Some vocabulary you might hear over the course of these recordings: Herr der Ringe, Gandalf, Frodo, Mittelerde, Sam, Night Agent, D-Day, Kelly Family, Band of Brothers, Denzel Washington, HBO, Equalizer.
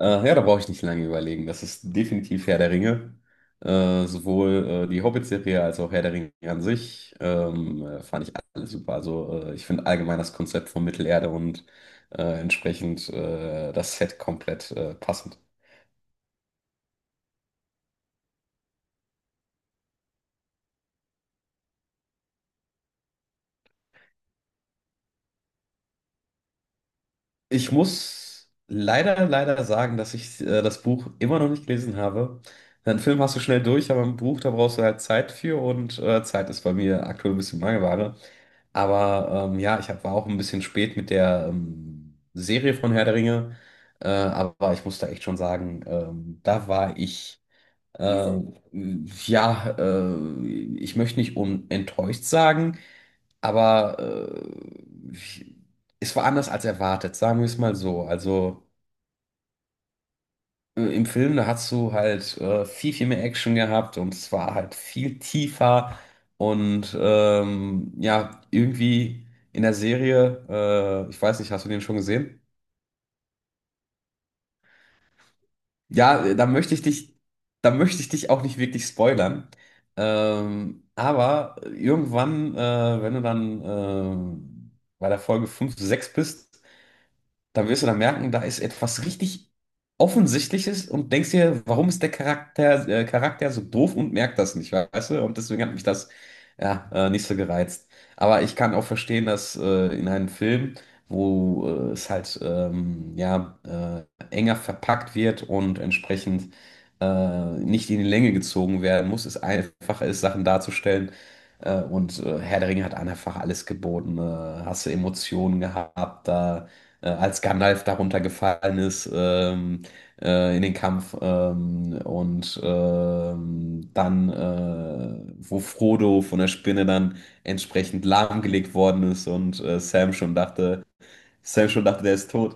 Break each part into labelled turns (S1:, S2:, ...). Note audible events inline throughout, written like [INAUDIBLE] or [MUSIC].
S1: Ja, da brauche ich nicht lange überlegen. Das ist definitiv Herr der Ringe. Sowohl die Hobbit-Serie als auch Herr der Ringe an sich fand ich alles super. Also ich finde allgemein das Konzept von Mittelerde und entsprechend das Set komplett passend. Ich muss leider, leider sagen, dass ich das Buch immer noch nicht gelesen habe. Den Film hast du schnell durch, aber ein Buch, da brauchst du halt Zeit für und Zeit ist bei mir aktuell ein bisschen Mangelware. Aber ja, ich hab, war auch ein bisschen spät mit der Serie von Herr der Ringe. Aber ich muss da echt schon sagen, da war ich, äh, ja, ich möchte nicht unenttäuscht sagen, aber ich, es war anders als erwartet, sagen wir es mal so. Also im Film, da hast du halt viel, viel mehr Action gehabt und es war halt viel tiefer und ja, irgendwie in der Serie, ich weiß nicht, hast du den schon gesehen? Ja, da möchte ich dich auch nicht wirklich spoilern. Aber irgendwann, wenn du dann bei der Folge 5 6 bist, da wirst du dann merken, da ist etwas richtig Offensichtliches und denkst dir, warum ist der Charakter so doof und merkt das nicht, weißt du? Und deswegen hat mich das ja, nicht so gereizt. Aber ich kann auch verstehen, dass in einem Film, wo es halt ja, enger verpackt wird und entsprechend äh, nicht in die Länge gezogen werden muss, es einfacher ist, Sachen darzustellen. Und Herr der Ringe hat einfach alles geboten. Hast du Emotionen gehabt, da als Gandalf darunter gefallen ist in den Kampf und dann, wo Frodo von der Spinne dann entsprechend lahmgelegt worden ist und Sam schon dachte, der ist tot.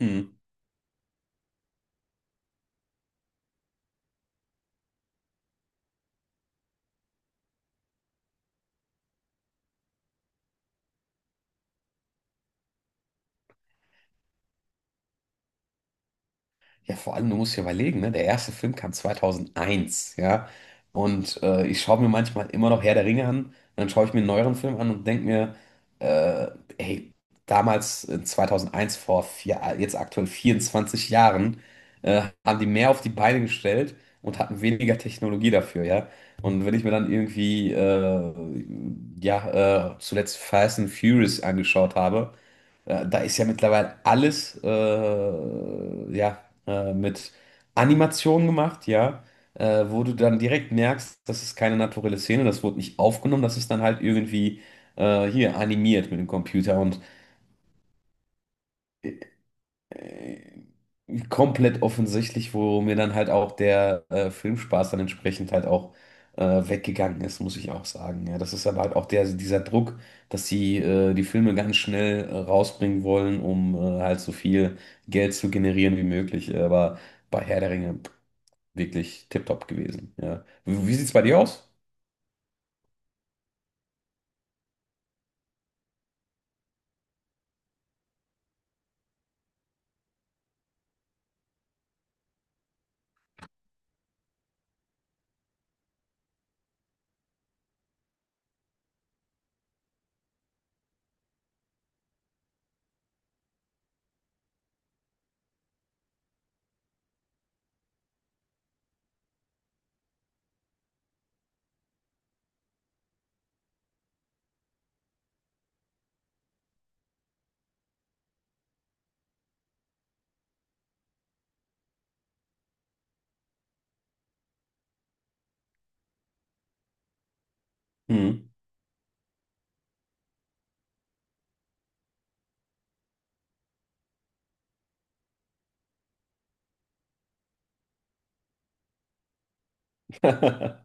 S1: Mhm. Ja, vor allem, du musst dir überlegen, ne? Der erste Film kam 2001, ja. Und ich schaue mir manchmal immer noch Herr der Ringe an, und dann schaue ich mir einen neueren Film an und denke mir, äh, hey, damals 2001, vor vier, jetzt aktuell 24 Jahren, haben die mehr auf die Beine gestellt und hatten weniger Technologie dafür, ja. Und wenn ich mir dann irgendwie, ja, zuletzt Fast and Furious angeschaut habe, da ist ja mittlerweile alles ja, mit Animation gemacht, ja, wo du dann direkt merkst, das ist keine naturelle Szene, das wurde nicht aufgenommen, das ist dann halt irgendwie hier animiert mit dem Computer. Und komplett offensichtlich, wo mir dann halt auch der Filmspaß dann entsprechend halt auch weggegangen ist, muss ich auch sagen. Ja, das ist aber halt auch der, dieser Druck, dass sie die Filme ganz schnell rausbringen wollen, um halt so viel Geld zu generieren wie möglich. Aber bei Herr der Ringe pff, wirklich tipptopp gewesen. Ja. Wie sieht's bei dir aus? Hm. [LAUGHS]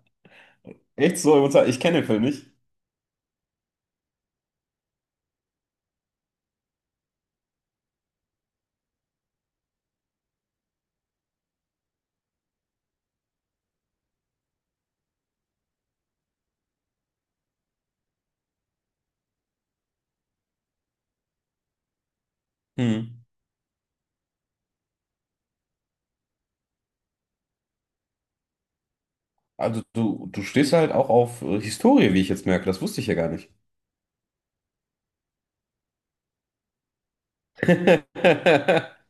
S1: Echt so, emotional? Ich kenne den Film nicht. Hm. Also du stehst halt auch auf Historie, wie ich jetzt merke. Das wusste ich ja gar nicht. [LAUGHS]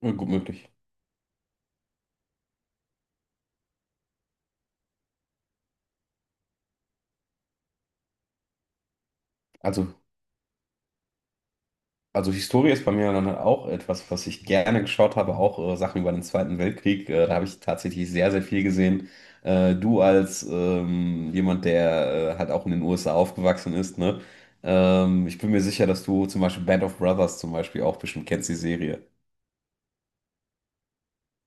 S1: Ja, gut möglich. Also, also Historie ist bei mir dann auch etwas, was ich gerne geschaut habe, auch Sachen über den Zweiten Weltkrieg. Da habe ich tatsächlich sehr, sehr viel gesehen. Du als jemand, der halt auch in den USA aufgewachsen ist, ne? Ich bin mir sicher, dass du zum Beispiel Band of Brothers zum Beispiel auch bestimmt kennst, die Serie.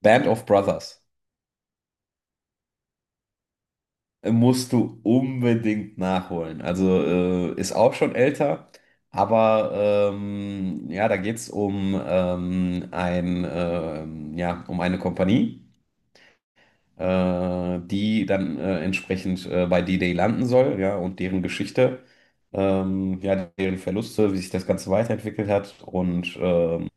S1: Band of Brothers. Musst du unbedingt nachholen. Also ist auch schon älter, aber ja, da geht es um ein ja um eine Kompanie, die dann entsprechend bei D-Day landen soll, ja, und deren Geschichte, ja, deren Verluste, wie sich das Ganze weiterentwickelt hat und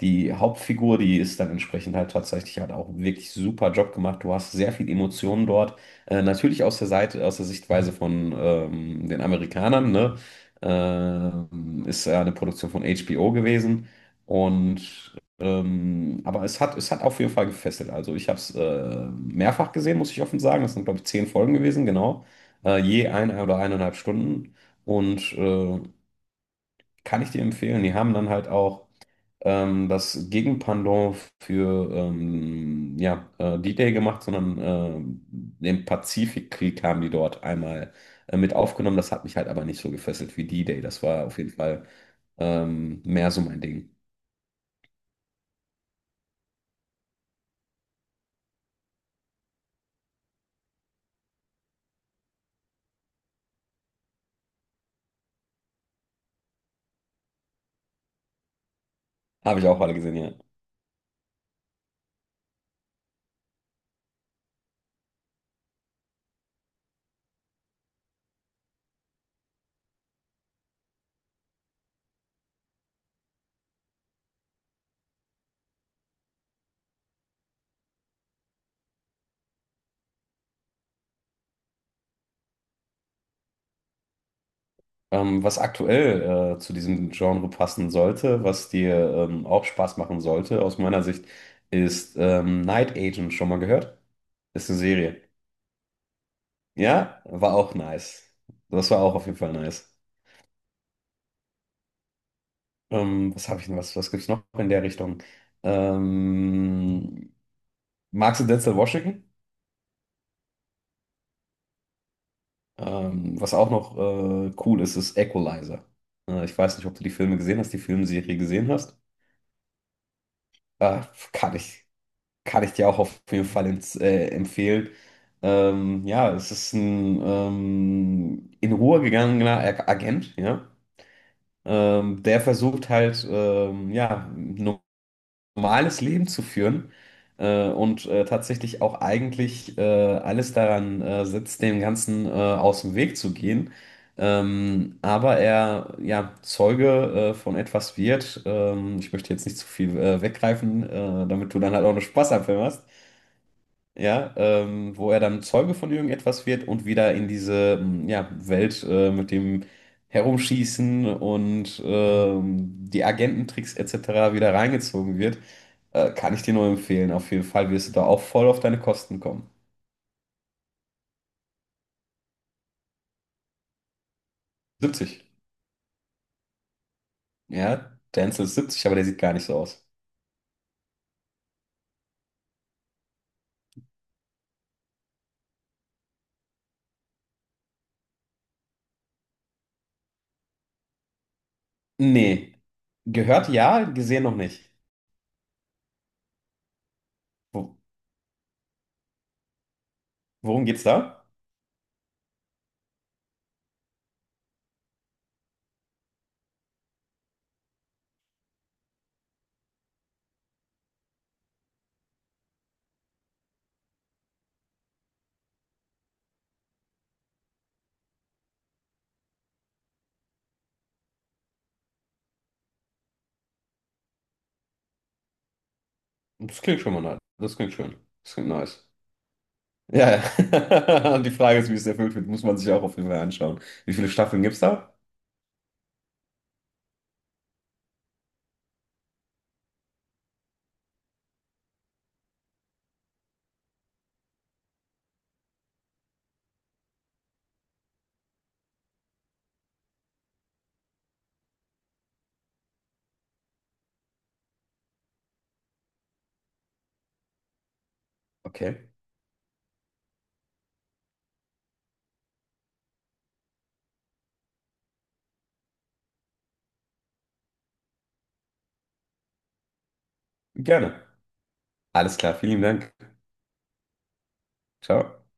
S1: die Hauptfigur, die ist dann entsprechend halt tatsächlich, hat auch wirklich super Job gemacht. Du hast sehr viel Emotionen dort. Natürlich aus der Seite, aus der Sichtweise von den Amerikanern, ne? Ist ja eine Produktion von HBO gewesen. Und aber es hat auf jeden Fall gefesselt. Also ich habe es mehrfach gesehen, muss ich offen sagen. Das sind, glaube ich, 10 Folgen gewesen, genau. Je eine oder eineinhalb Stunden. Und kann ich dir empfehlen. Die haben dann halt auch das Gegenpendant für ja, D-Day gemacht, sondern den Pazifikkrieg haben die dort einmal mit aufgenommen. Das hat mich halt aber nicht so gefesselt wie D-Day. Das war auf jeden Fall mehr so mein Ding. Habe ich auch alle gesehen, ja. Was aktuell zu diesem Genre passen sollte, was dir auch Spaß machen sollte, aus meiner Sicht, ist Night Agent. Schon mal gehört? Ist eine Serie. Ja, war auch nice. Das war auch auf jeden Fall nice. Was habe ich denn? Was gibt's noch in der Richtung? Ähm, Magst du Denzel Washington? Was auch noch cool ist, ist Equalizer. Ich weiß nicht, ob du die Filme gesehen hast, die Filmserie gesehen hast. Äh, kann ich, kann ich dir auch auf jeden Fall empfehlen. Ja, es ist ein in Ruhe gegangener Agent, ja. Der versucht halt, ja, normales Leben zu führen und tatsächlich auch eigentlich alles daran setzt, dem Ganzen aus dem Weg zu gehen. Aber er ja Zeuge von etwas wird. Ich möchte jetzt nicht zu viel weggreifen, damit du dann halt auch einen Spaß am Film hast ja, wo er dann Zeuge von irgendetwas wird und wieder in diese ja, Welt mit dem Herumschießen und die Agententricks etc. wieder reingezogen wird, kann ich dir nur empfehlen. Auf jeden Fall wirst du da auch voll auf deine Kosten kommen. 70. Ja, Denzel ist 70, aber der sieht gar nicht so aus. Nee, gehört ja, gesehen noch nicht. Wo, Worum geht's da? Das klingt schon mal nice. Das klingt schön. Das klingt nice. Ja, ja. [LAUGHS] Und die Frage ist, wie es erfüllt wird, muss man sich auch auf jeden Fall anschauen. Wie viele Staffeln gibt's da? Okay, gerne. Alles klar, vielen Dank. Ciao.